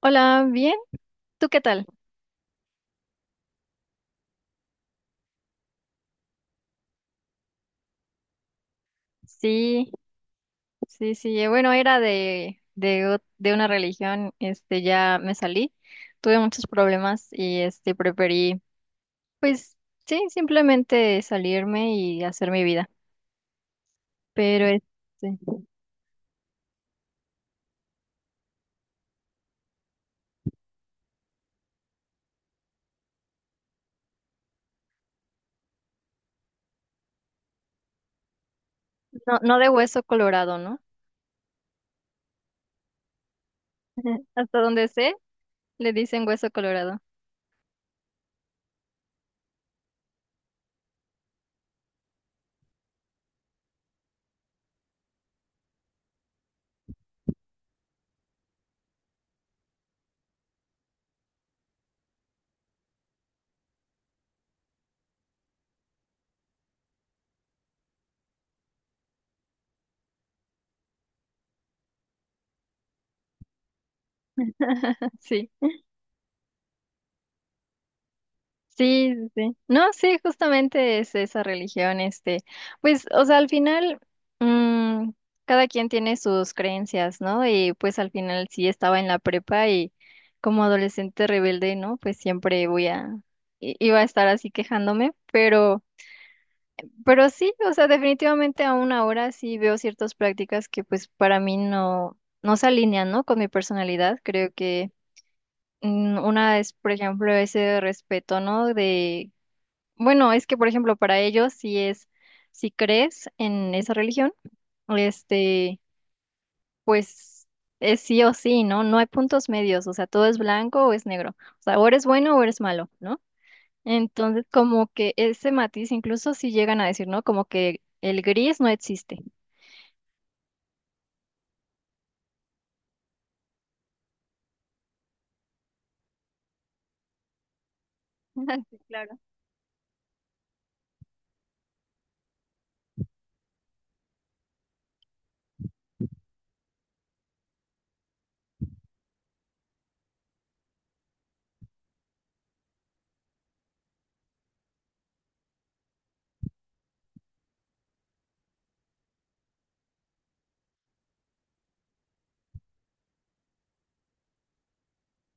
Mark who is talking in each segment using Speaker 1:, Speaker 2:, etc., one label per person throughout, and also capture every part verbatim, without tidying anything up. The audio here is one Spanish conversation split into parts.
Speaker 1: Hola, bien, ¿tú qué tal? Sí, sí, sí, eh, bueno, era de, de, ot- de una religión, este, ya me salí, tuve muchos problemas y, este, preferí, pues, sí, simplemente salirme y hacer mi vida, pero, este, no, no de hueso colorado, ¿no? Hasta donde sé, le dicen hueso colorado. Sí. Sí, sí, sí. No, sí, justamente es esa religión, este, pues, o sea, al final, mm, cada quien tiene sus creencias, ¿no? Y pues al final sí estaba en la prepa y como adolescente rebelde, ¿no? Pues siempre voy a, i- iba a estar así quejándome, pero, pero sí, o sea, definitivamente aún ahora sí veo ciertas prácticas que pues para mí no, no se alinean, ¿no? Con mi personalidad, creo que mm, una es, por ejemplo, ese respeto, ¿no? De bueno, es que, por ejemplo, para ellos, si es, si crees en esa religión, este, pues es sí o sí, ¿no? No hay puntos medios, o sea, todo es blanco o es negro, o sea, o eres bueno o eres malo, ¿no? Entonces, como que ese matiz, incluso si llegan a decir, ¿no? Como que el gris no existe. Ah, sí, claro.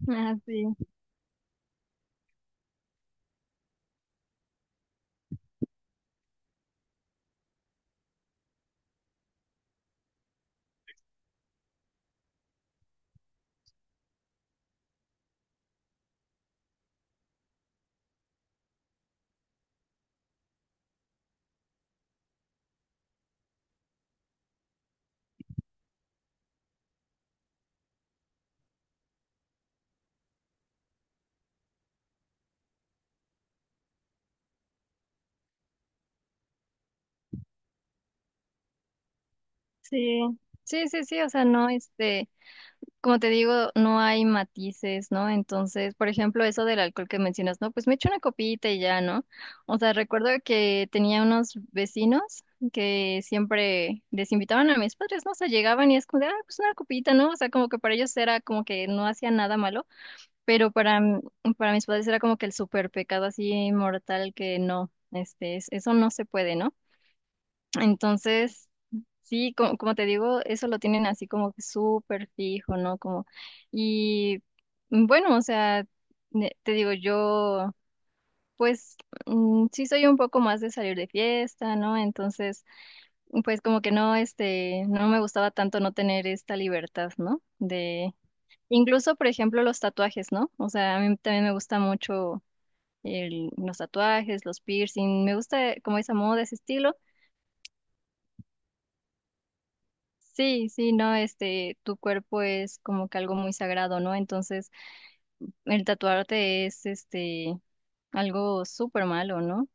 Speaker 1: Ah, sí. Sí, sí, sí, sí, o sea, no, este. Como te digo, no hay matices, ¿no? Entonces, por ejemplo, eso del alcohol que mencionas, ¿no? Pues me echo una copita y ya, ¿no? O sea, recuerdo que tenía unos vecinos que siempre les invitaban a mis padres, ¿no? O sea, llegaban y es como de, ah, pues una copita, ¿no? O sea, como que para ellos era como que no hacía nada malo, pero para, m- para mis padres era como que el súper pecado así mortal que no, este, es- eso no se puede, ¿no? Entonces, sí, como, como te digo, eso lo tienen así como que súper fijo, ¿no? Como, y mm, bueno, o sea, ne- te digo, yo, pues, mm, sí soy un poco más de salir de fiesta, ¿no? Entonces, pues como que no, este, no me gustaba tanto no tener esta libertad, ¿no? De, incluso, por ejemplo, los tatuajes, ¿no? O sea, a mí también me gusta mucho el- los tatuajes, los piercing, me gusta como esa moda, ese estilo. Sí, sí, no, este, tu cuerpo es como que algo muy sagrado, ¿no? Entonces, el tatuarte es, este, algo súper malo, ¿no?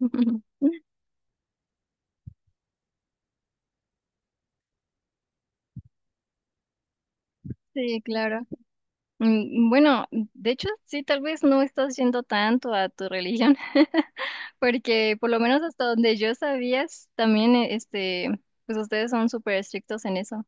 Speaker 1: Sí, claro. Mm, bueno, de hecho, sí, tal vez no estás yendo tanto a tu religión, porque por lo menos hasta donde yo sabías, también, eh, este, pues ustedes son súper estrictos en eso.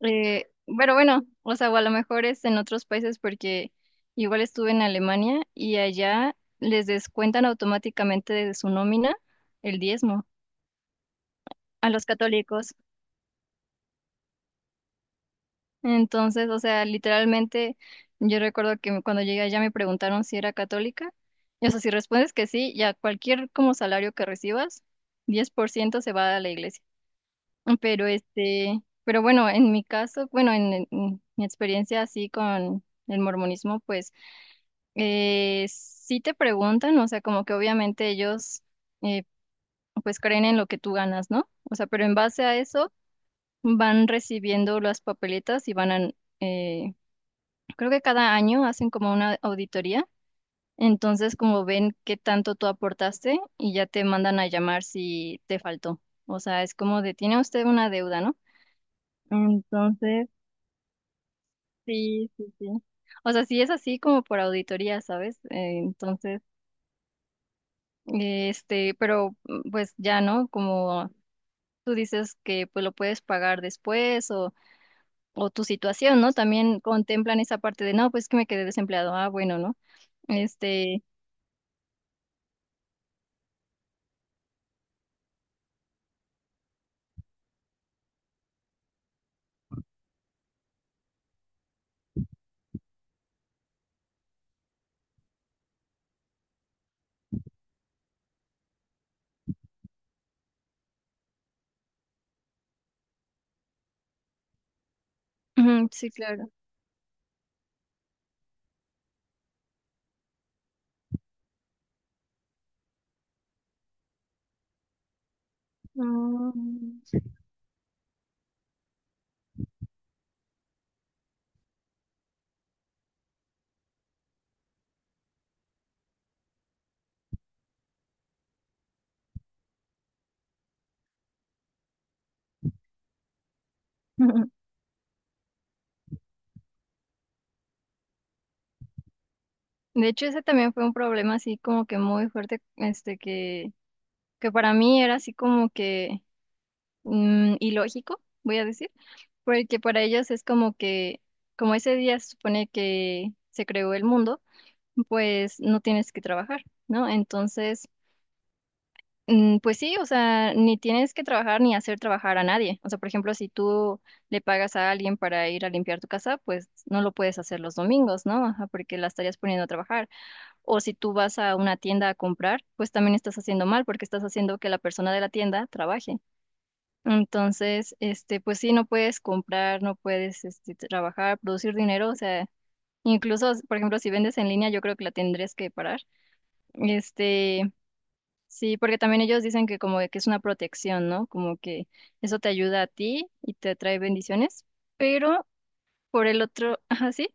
Speaker 1: Eh, pero bueno, o sea, o a lo mejor es en otros países porque igual estuve en Alemania y allá les descuentan automáticamente de su nómina el diezmo a los católicos. Entonces, o sea, literalmente yo recuerdo que cuando llegué allá me preguntaron si era católica. Y o sea, si respondes que sí, ya cualquier como salario que recibas, diez por ciento se va a la iglesia. Pero este, pero bueno, en mi caso, bueno, en en mi experiencia así con el mormonismo, pues Eh, sí te preguntan, o sea, como que obviamente ellos eh, pues creen en lo que tú ganas, ¿no? O sea, pero en base a eso van recibiendo las papeletas y van a, eh, creo que cada año hacen como una auditoría, entonces como ven qué tanto tú aportaste y ya te mandan a llamar si te faltó. O sea, es como de, tiene usted una deuda, ¿no? Entonces, sí, sí, sí. O sea, sí es así como por auditoría, ¿sabes? Eh, entonces... Este, pero mm, pues ya, ¿no? Como tú dices que pues lo puedes pagar después o, o tu situación, ¿no? También contemplan esa parte de, no, pues que me quedé desempleado. Ah, bueno, ¿no? Este, ujú, sí, claro. Mm. De hecho, ese también fue un problema así como que muy fuerte, este, que, que para mí era así como que mm, ilógico, voy a decir, porque para ellos es como que, como ese día se supone que se creó el mundo. Pues no tienes que trabajar, ¿no? Entonces, mm, pues sí, o sea, ni tienes que trabajar ni hacer trabajar a nadie. O sea, por ejemplo, si tú le pagas a alguien para ir a limpiar tu casa, pues no lo puedes hacer los domingos, ¿no? Ajá, porque la estarías poniendo a trabajar. O si tú vas a una tienda a comprar, pues también estás haciendo mal porque estás haciendo que la persona de la tienda trabaje. Entonces, este, pues sí, no puedes comprar, no puedes, este, trabajar, producir dinero, o sea, incluso, por ejemplo, si vendes en línea, yo creo que la tendrías que parar este, sí, porque también ellos dicen que como que es una protección, ¿no? Como que eso te ayuda a ti y te trae bendiciones, pero por el otro, ajá, sí,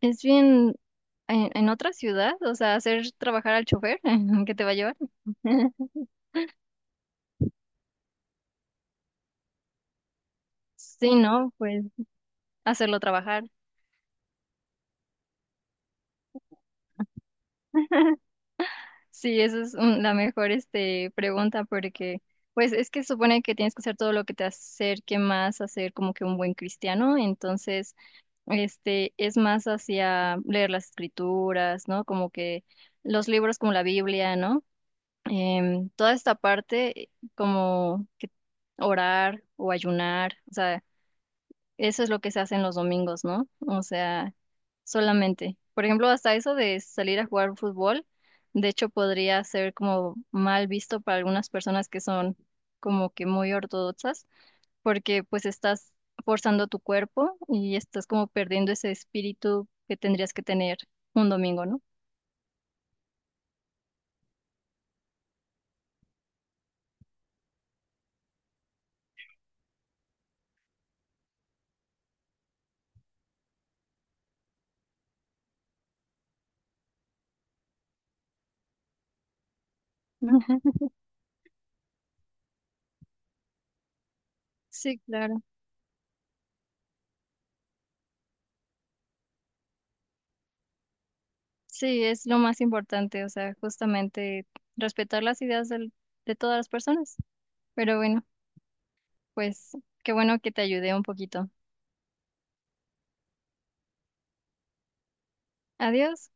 Speaker 1: es bien en, en otra ciudad, o sea, hacer trabajar al chofer que te va a llevar. Sí, ¿no? Pues hacerlo trabajar. Sí, esa es un- la mejor este, pregunta porque pues es que supone que tienes que hacer todo lo que te acerque más a ser como que un buen cristiano, entonces Este, es más hacia leer las escrituras, ¿no? Como que los libros como la Biblia, ¿no? Em, toda esta parte eh, como que orar o ayunar, o sea, eso es lo que se hace en los domingos, ¿no? O sea, solamente. Por ejemplo, hasta eso de salir a jugar fútbol, de hecho podría ser como mal visto para algunas personas que son como que muy ortodoxas porque pues estás forzando tu cuerpo y estás como perdiendo ese espíritu que tendrías que tener un domingo, ¿no? Ujú. Sí, claro. Sí, es lo más importante, o sea, justamente respetar las ideas del- de todas las personas. Pero bueno, pues qué bueno que te ayudé un poquito. Adiós.